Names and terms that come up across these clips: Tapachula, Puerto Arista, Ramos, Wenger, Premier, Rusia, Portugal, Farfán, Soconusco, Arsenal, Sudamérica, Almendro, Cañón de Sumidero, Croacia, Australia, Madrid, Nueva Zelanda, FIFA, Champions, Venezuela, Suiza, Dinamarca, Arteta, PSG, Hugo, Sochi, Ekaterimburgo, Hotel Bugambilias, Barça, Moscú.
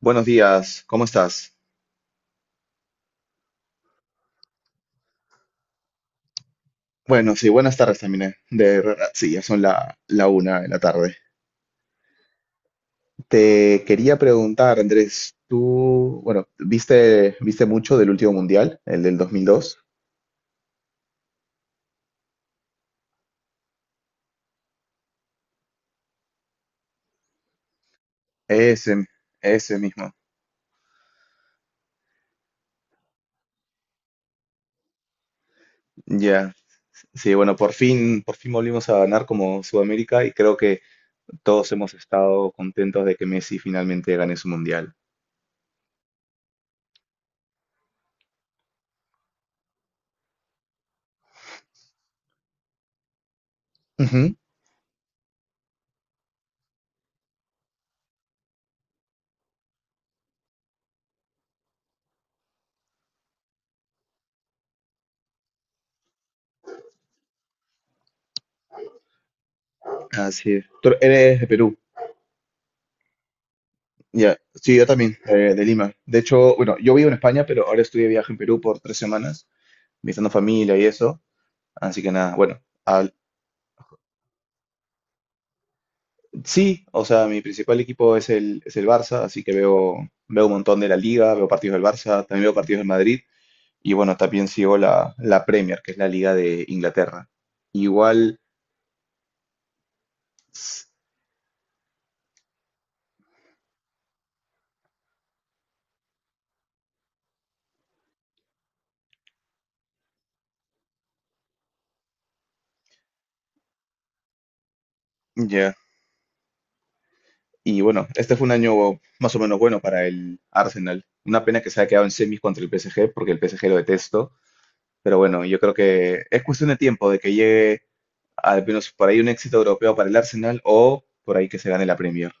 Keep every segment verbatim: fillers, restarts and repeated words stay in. Buenos días, ¿cómo estás? Bueno, sí, buenas tardes también. eh, De verdad, sí, ya son la, la una de la tarde. Te quería preguntar, Andrés, tú, bueno, ¿viste, viste mucho del último mundial, el del dos mil dos? Ese, ese mismo. Ya. Sí, bueno, por fin, por fin volvimos a ganar como Sudamérica y creo que todos hemos estado contentos de que Messi finalmente gane su mundial. Ujú. Así es. Tú eres de Perú. Ya, sí, yo también, eh, de Lima. De hecho, bueno, yo vivo en España, pero ahora estoy de viaje en Perú por tres semanas, visitando familia y eso. Así que nada, bueno, al- sí, o sea, mi principal equipo es el, es el Barça, así que veo, veo un montón de la Liga, veo partidos del Barça, también veo partidos del Madrid y bueno, también sigo la, la Premier, que es la Liga de Inglaterra. Igual, s- ya, y bueno, este fue un año más o menos bueno para el Arsenal. Una pena que se haya quedado en semis contra el P S G, porque el P S G lo detesto. Pero bueno, yo creo que es cuestión de tiempo de que llegue al menos por ahí un éxito europeo para el Arsenal o por ahí que se gane la Premier.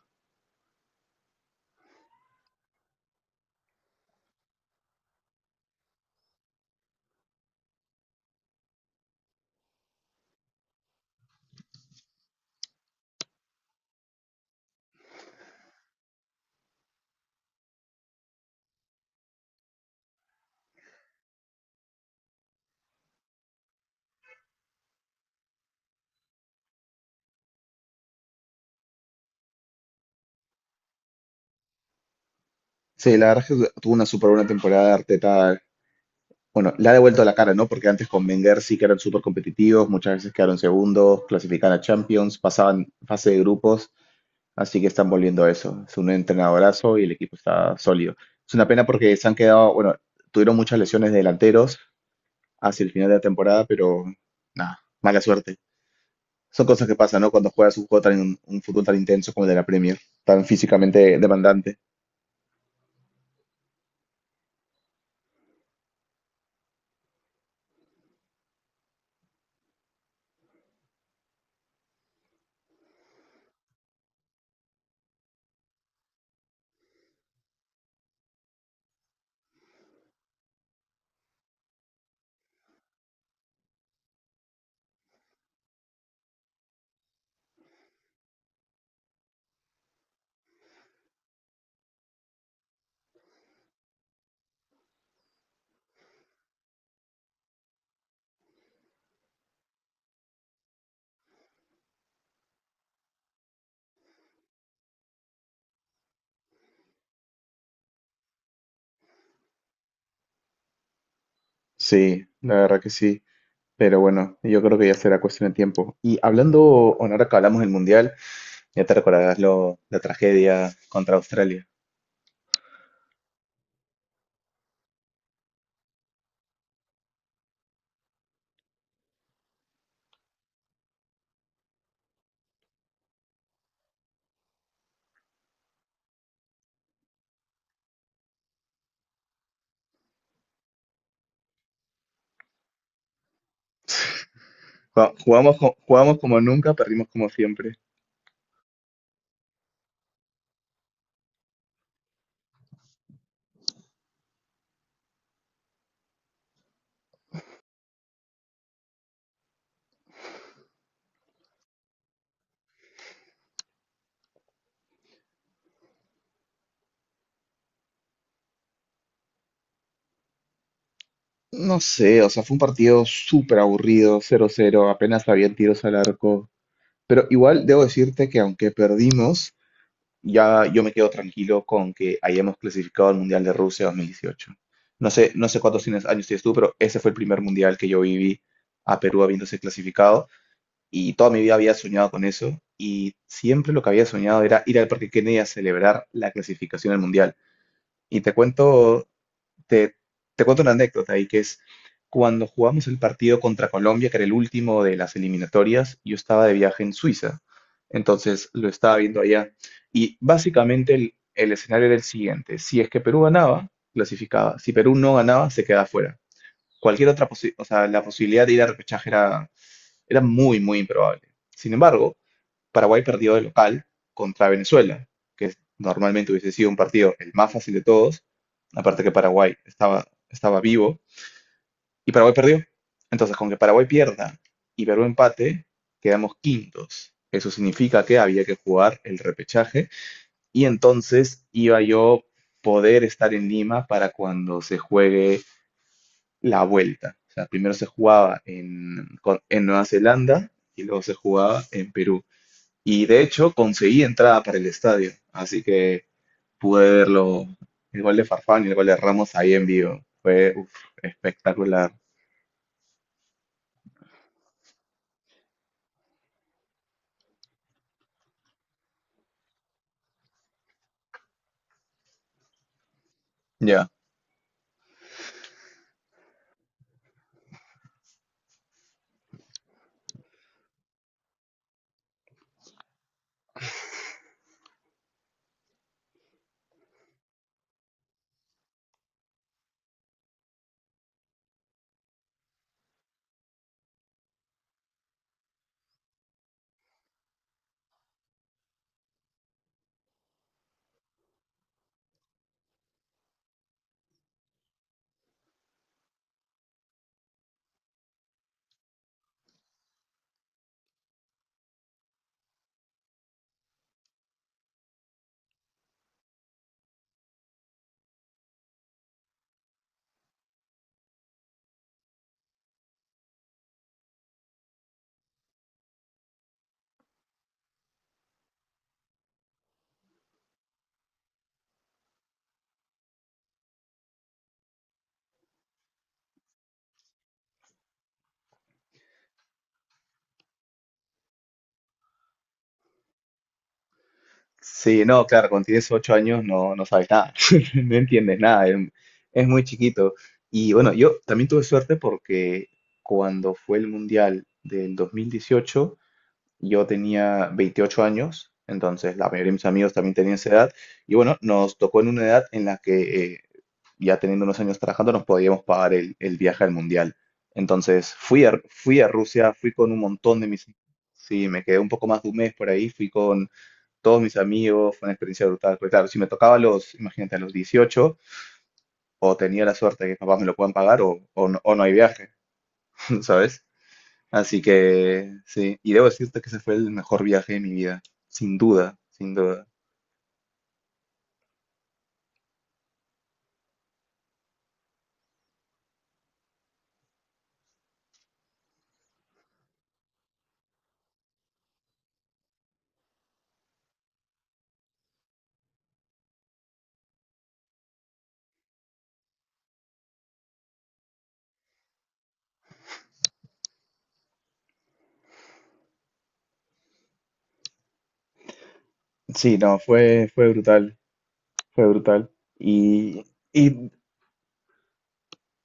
Sí, la verdad es que tuvo una súper buena temporada de Arteta. Bueno, le ha devuelto la cara, ¿no? Porque antes con Wenger sí que eran súper competitivos, muchas veces quedaron segundos, clasificaban a Champions, pasaban fase de grupos, así que están volviendo a eso. Es un entrenadorazo y el equipo está sólido. Es una pena porque se han quedado, bueno, tuvieron muchas lesiones de delanteros hacia el final de la temporada, pero nada, mala suerte. Son cosas que pasan, ¿no? Cuando juegas un juego tan, un fútbol tan intenso como el de la Premier, tan físicamente demandante. Sí, la verdad que sí. Pero bueno, yo creo que ya será cuestión de tiempo. Y hablando, bueno, ahora que hablamos del Mundial, ya te recordarás lo, la tragedia contra Australia. Ju- Jugamos, co- jugamos como nunca, perdimos como siempre. No sé, o sea, fue un partido súper aburrido, cero cero, apenas habían tiros al arco. Pero igual debo decirte que aunque perdimos, ya yo me quedo tranquilo con que hayamos clasificado al Mundial de Rusia dos mil dieciocho. No sé, no sé cuántos tienes- años tienes tú, pero ese fue el primer Mundial que yo viví a Perú habiéndose clasificado y toda mi vida había soñado con eso y siempre lo que había soñado era ir al Parque Kennedy a celebrar la clasificación al Mundial. Y te cuento, te, te cuento una anécdota ahí que es cuando jugamos el partido contra Colombia, que era el último de las eliminatorias, yo estaba de viaje en Suiza, entonces lo estaba viendo allá. Y básicamente el, el escenario era el siguiente, si es que Perú ganaba, clasificaba, si Perú no ganaba, se quedaba fuera. Cualquier otra posibilidad, o sea, la posibilidad de ir a repechaje era, era muy, muy improbable. Sin embargo, Paraguay perdió de local contra Venezuela, que es- normalmente hubiese sido un partido el más fácil de todos, aparte que Paraguay estaba, estaba vivo, y Paraguay perdió. Entonces, con que Paraguay pierda y Perú empate, quedamos quintos. Eso significa que había que jugar el repechaje y entonces iba yo poder estar en Lima para cuando se juegue la vuelta. O sea, primero se jugaba en, con- en Nueva Zelanda y luego se jugaba en Perú. Y de hecho conseguí entrada para el estadio, así que pude verlo, el gol de Farfán y el gol de Ramos ahí en vivo. Fue uf, espectacular. Ya. Sí, no, claro, cuando tienes ocho años no, no sabes nada, no entiendes nada, es, es muy chiquito. Y bueno, yo también tuve suerte porque cuando fue el Mundial del dos mil dieciocho, yo tenía veintiocho años, entonces la mayoría de mis amigos también tenían esa edad. Y bueno, nos tocó en una edad en la que eh, ya teniendo unos años trabajando nos podíamos pagar el, el viaje al mundial. Entonces fui a, fui a Rusia, fui con un montón de mis... Sí, me quedé un poco más de un mes por ahí, fui con todos mis amigos, fue una experiencia brutal. Porque claro, si me tocaba a los, imagínate, a los dieciocho, o tenía la suerte de que mis papás me lo puedan pagar o, o no, o no hay viaje, ¿sabes? Así que sí, y debo decirte que ese fue el mejor viaje de mi vida, sin duda, sin duda. Sí, no, fue, fue brutal, fue brutal. Y, y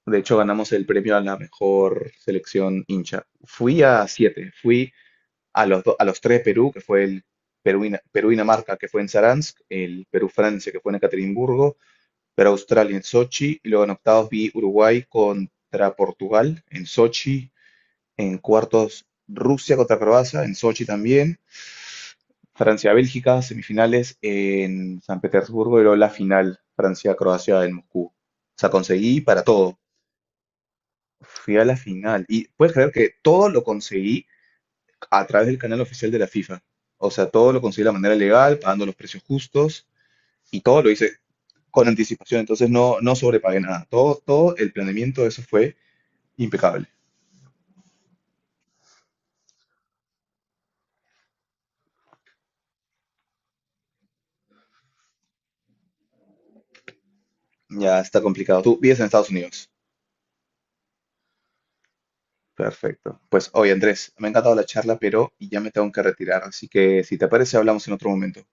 de hecho, ganamos el premio a la mejor selección hincha. Fui a siete, fui a los, do- a los tres de Perú, que fue el Perú, y- Na- Perú y Dinamarca, que fue en Saransk, el Perú-Francia, que fue en Ekaterimburgo, Perú-Australia en Sochi, y luego en octavos vi Uruguay contra Portugal en Sochi, en cuartos, Rusia contra Croacia, en Sochi también. Francia-Bélgica, semifinales en San Petersburgo y luego la final, Francia-Croacia en Moscú. O sea, conseguí para todo. Fui a la final. Y puedes creer que todo lo conseguí a través del canal oficial de la FIFA. O sea, todo lo conseguí de la manera legal, pagando los precios justos y todo lo hice con anticipación. Entonces no, no sobrepagué nada. Todo, todo el planeamiento de eso fue impecable. Ya está complicado. Tú vives en Estados Unidos. Perfecto. Pues oye, Andrés, me ha encantado la charla, pero ya me tengo que retirar, así que si te parece, hablamos en otro momento.